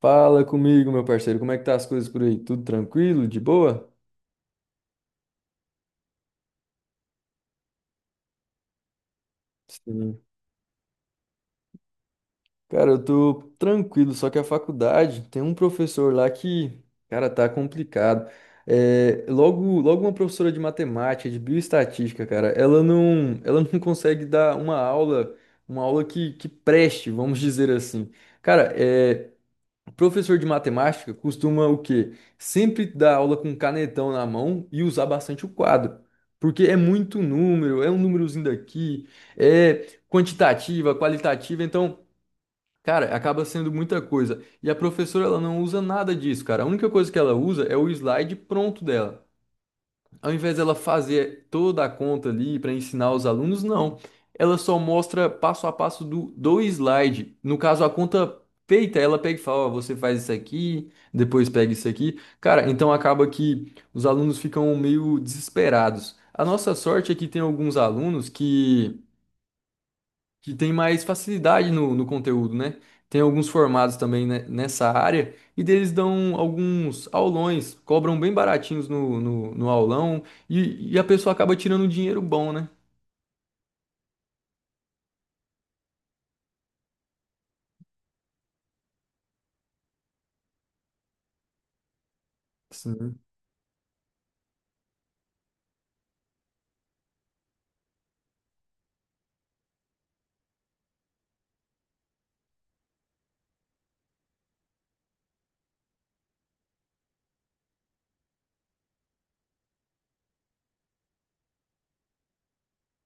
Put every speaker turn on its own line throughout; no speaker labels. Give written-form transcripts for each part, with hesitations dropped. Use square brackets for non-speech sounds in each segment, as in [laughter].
Fala comigo, meu parceiro. Como é que tá as coisas por aí? Tudo tranquilo? De boa? Sim. Cara, eu tô tranquilo, só que a faculdade tem um professor lá que, cara, tá complicado. É, logo, logo uma professora de matemática, de bioestatística, cara, ela não [laughs] consegue dar uma aula que preste, vamos dizer assim. Cara, é, professor de matemática costuma o quê? Sempre dar aula com canetão na mão e usar bastante o quadro. Porque é muito número, é um númerozinho daqui, é quantitativa, qualitativa, então, cara, acaba sendo muita coisa. E a professora, ela não usa nada disso, cara. A única coisa que ela usa é o slide pronto dela ao invés dela fazer toda a conta ali para ensinar os alunos, não. Ela só mostra passo a passo do slide. No caso, a conta feita, ela pega e fala, ó, você faz isso aqui, depois pega isso aqui. Cara, então acaba que os alunos ficam meio desesperados. A nossa sorte é que tem alguns alunos que tem mais facilidade no conteúdo, né? Tem alguns formados também né, nessa área e deles dão alguns aulões, cobram bem baratinhos no aulão e a pessoa acaba tirando um dinheiro bom, né? Sim.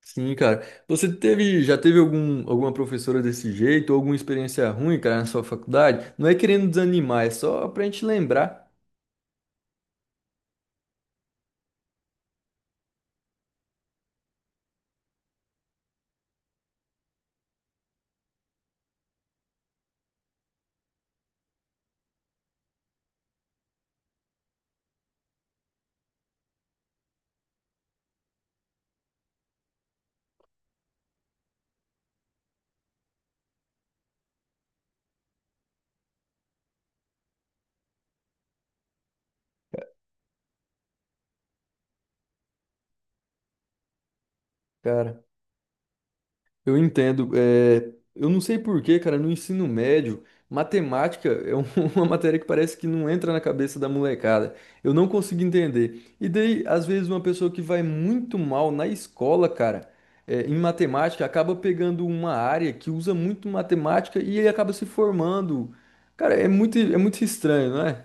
Sim, cara. Você teve, já teve algum, alguma professora desse jeito, ou alguma experiência ruim, cara, na sua faculdade? Não é querendo desanimar, é só pra gente lembrar, cara. Eu entendo. É, eu não sei por quê, cara, no ensino médio, matemática é um- [laughs] uma matéria que parece que não entra na cabeça da molecada. Eu não consigo entender. E daí, às vezes, uma pessoa que vai muito mal na escola, cara, é, em matemática, acaba pegando uma área que usa muito matemática e ele acaba se formando. Cara, é muito estranho, não é?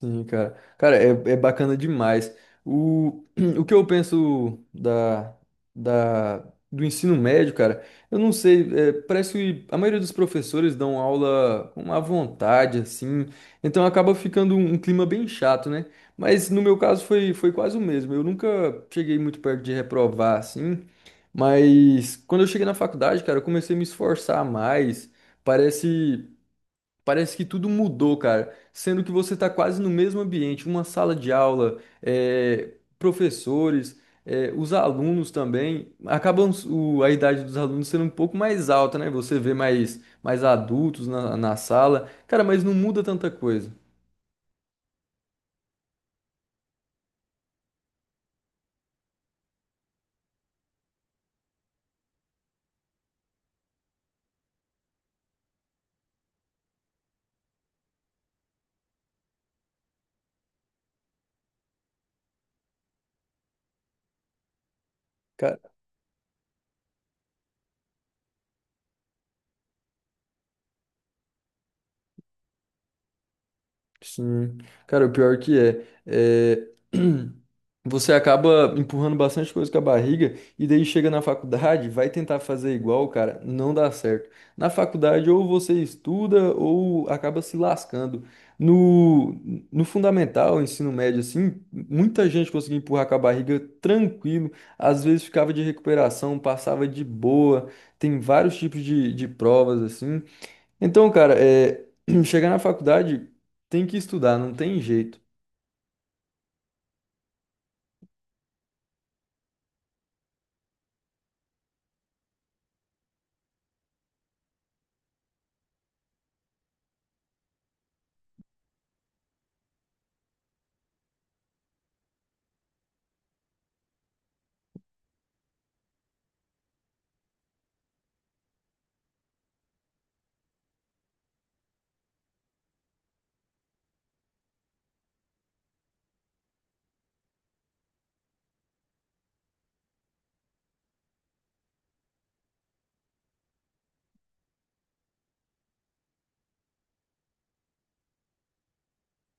Sim, cara. Cara, é, é bacana demais. O, [clears throat] o que eu penso da do ensino médio, cara, eu não sei, é, parece que a maioria dos professores dão aula com uma vontade, assim, então acaba ficando um clima bem chato, né? Mas no meu caso foi quase o mesmo. Eu nunca cheguei muito perto de reprovar, assim, mas quando eu cheguei na faculdade, cara, eu comecei a me esforçar mais. Parece. Parece que tudo mudou, cara. Sendo que você está quase no mesmo ambiente, uma sala de aula, professores, os alunos também. Acabam o- a idade dos alunos sendo um pouco mais alta, né? Você vê mais, mais adultos na sala. Cara, mas não muda tanta coisa. Sim. Cara, o pior que é, é, [clears throat] você acaba empurrando bastante coisa com a barriga e daí chega na faculdade, vai tentar fazer igual, cara, não dá certo. Na faculdade ou você estuda ou acaba se lascando. No, no fundamental, ensino médio, assim, muita gente conseguia empurrar com a barriga tranquilo, às vezes ficava de recuperação, passava de boa, tem vários tipos de provas, assim. Então, cara, é, [clears throat] chegar na faculdade tem que estudar, não tem jeito.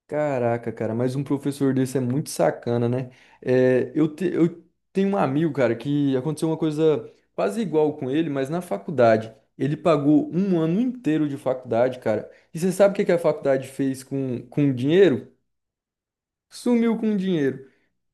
Caraca, cara, mas um professor desse é muito sacana, né? É, eu, te- eu tenho um amigo, cara, que aconteceu uma coisa quase igual com ele, mas na faculdade. Ele pagou um ano inteiro de faculdade, cara. E você sabe o que que a faculdade fez com o dinheiro? Sumiu com o dinheiro.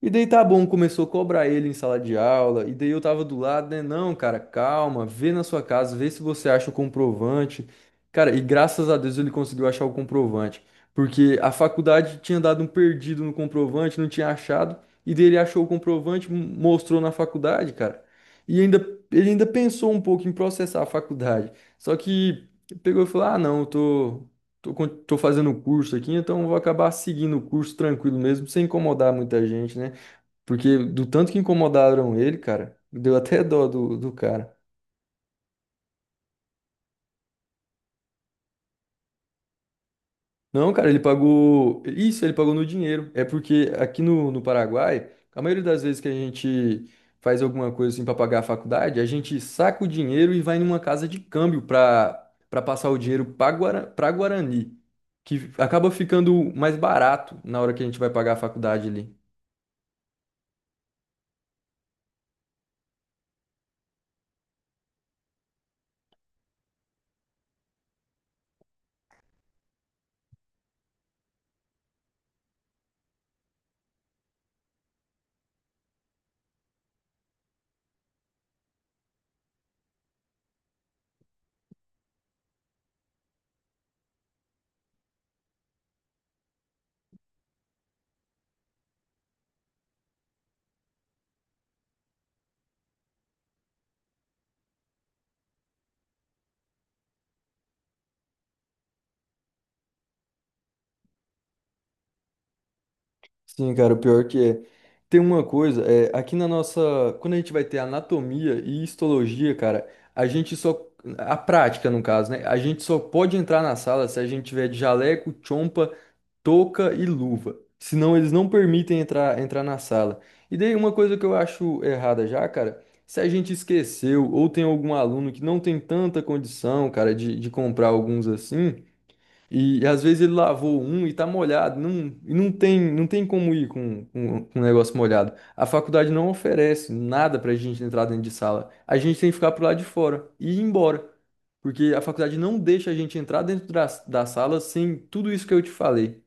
E daí tá bom, começou a cobrar ele em sala de aula. E daí eu tava do lado, né? Não, cara, calma, vê na sua casa, vê se você acha o comprovante. Cara, e graças a Deus ele conseguiu achar o comprovante. Porque a faculdade tinha dado um perdido no comprovante, não tinha achado. E daí ele achou o comprovante, m- mostrou na faculdade, cara. E ainda, ele ainda pensou um pouco em processar a faculdade. Só que pegou e falou: ah, não, eu tô. Tô, con- tô fazendo o curso aqui, então eu vou acabar seguindo o curso tranquilo mesmo, sem incomodar muita gente, né? Porque do tanto que incomodaram ele, cara, deu até dó do cara. Não, cara, ele pagou. Isso, ele pagou no dinheiro. É porque aqui no Paraguai, a maioria das vezes que a gente faz alguma coisa assim pra pagar a faculdade, a gente saca o dinheiro e vai numa casa de câmbio pra passar o dinheiro pra, Guara, pra Guarani, que acaba ficando mais barato na hora que a gente vai pagar a faculdade ali. Sim, cara, o pior que é. Tem uma coisa, é, aqui na nossa. Quando a gente vai ter anatomia e histologia, cara, a gente só. A prática, no caso, né? A gente só pode entrar na sala se a gente tiver de jaleco, chompa, touca e luva. Senão eles não permitem entrar, entrar na sala. E daí uma coisa que eu acho errada já, cara, se a gente esqueceu ou tem algum aluno que não tem tanta condição, cara, de comprar alguns assim. E às vezes ele lavou um e tá molhado, não, e não tem, não tem como ir com um negócio molhado. A faculdade não oferece nada pra gente entrar dentro de sala. A gente tem que ficar pro lado de fora e ir embora. Porque a faculdade não deixa a gente entrar dentro da sala sem tudo isso que eu te falei.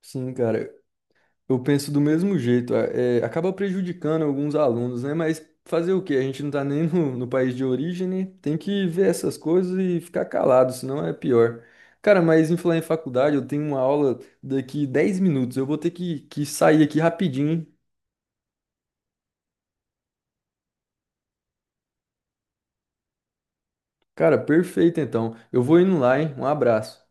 Sim, cara. Eu penso do mesmo jeito, é, é, acaba prejudicando alguns alunos, né? Mas fazer o quê? A gente não tá nem no país de origem, né? Tem que ver essas coisas e ficar calado, senão é pior. Cara, mas em falar em faculdade, eu tenho uma aula daqui 10 minutos, eu vou ter que sair aqui rapidinho. Hein? Cara, perfeito então. Eu vou indo lá, hein? Um abraço.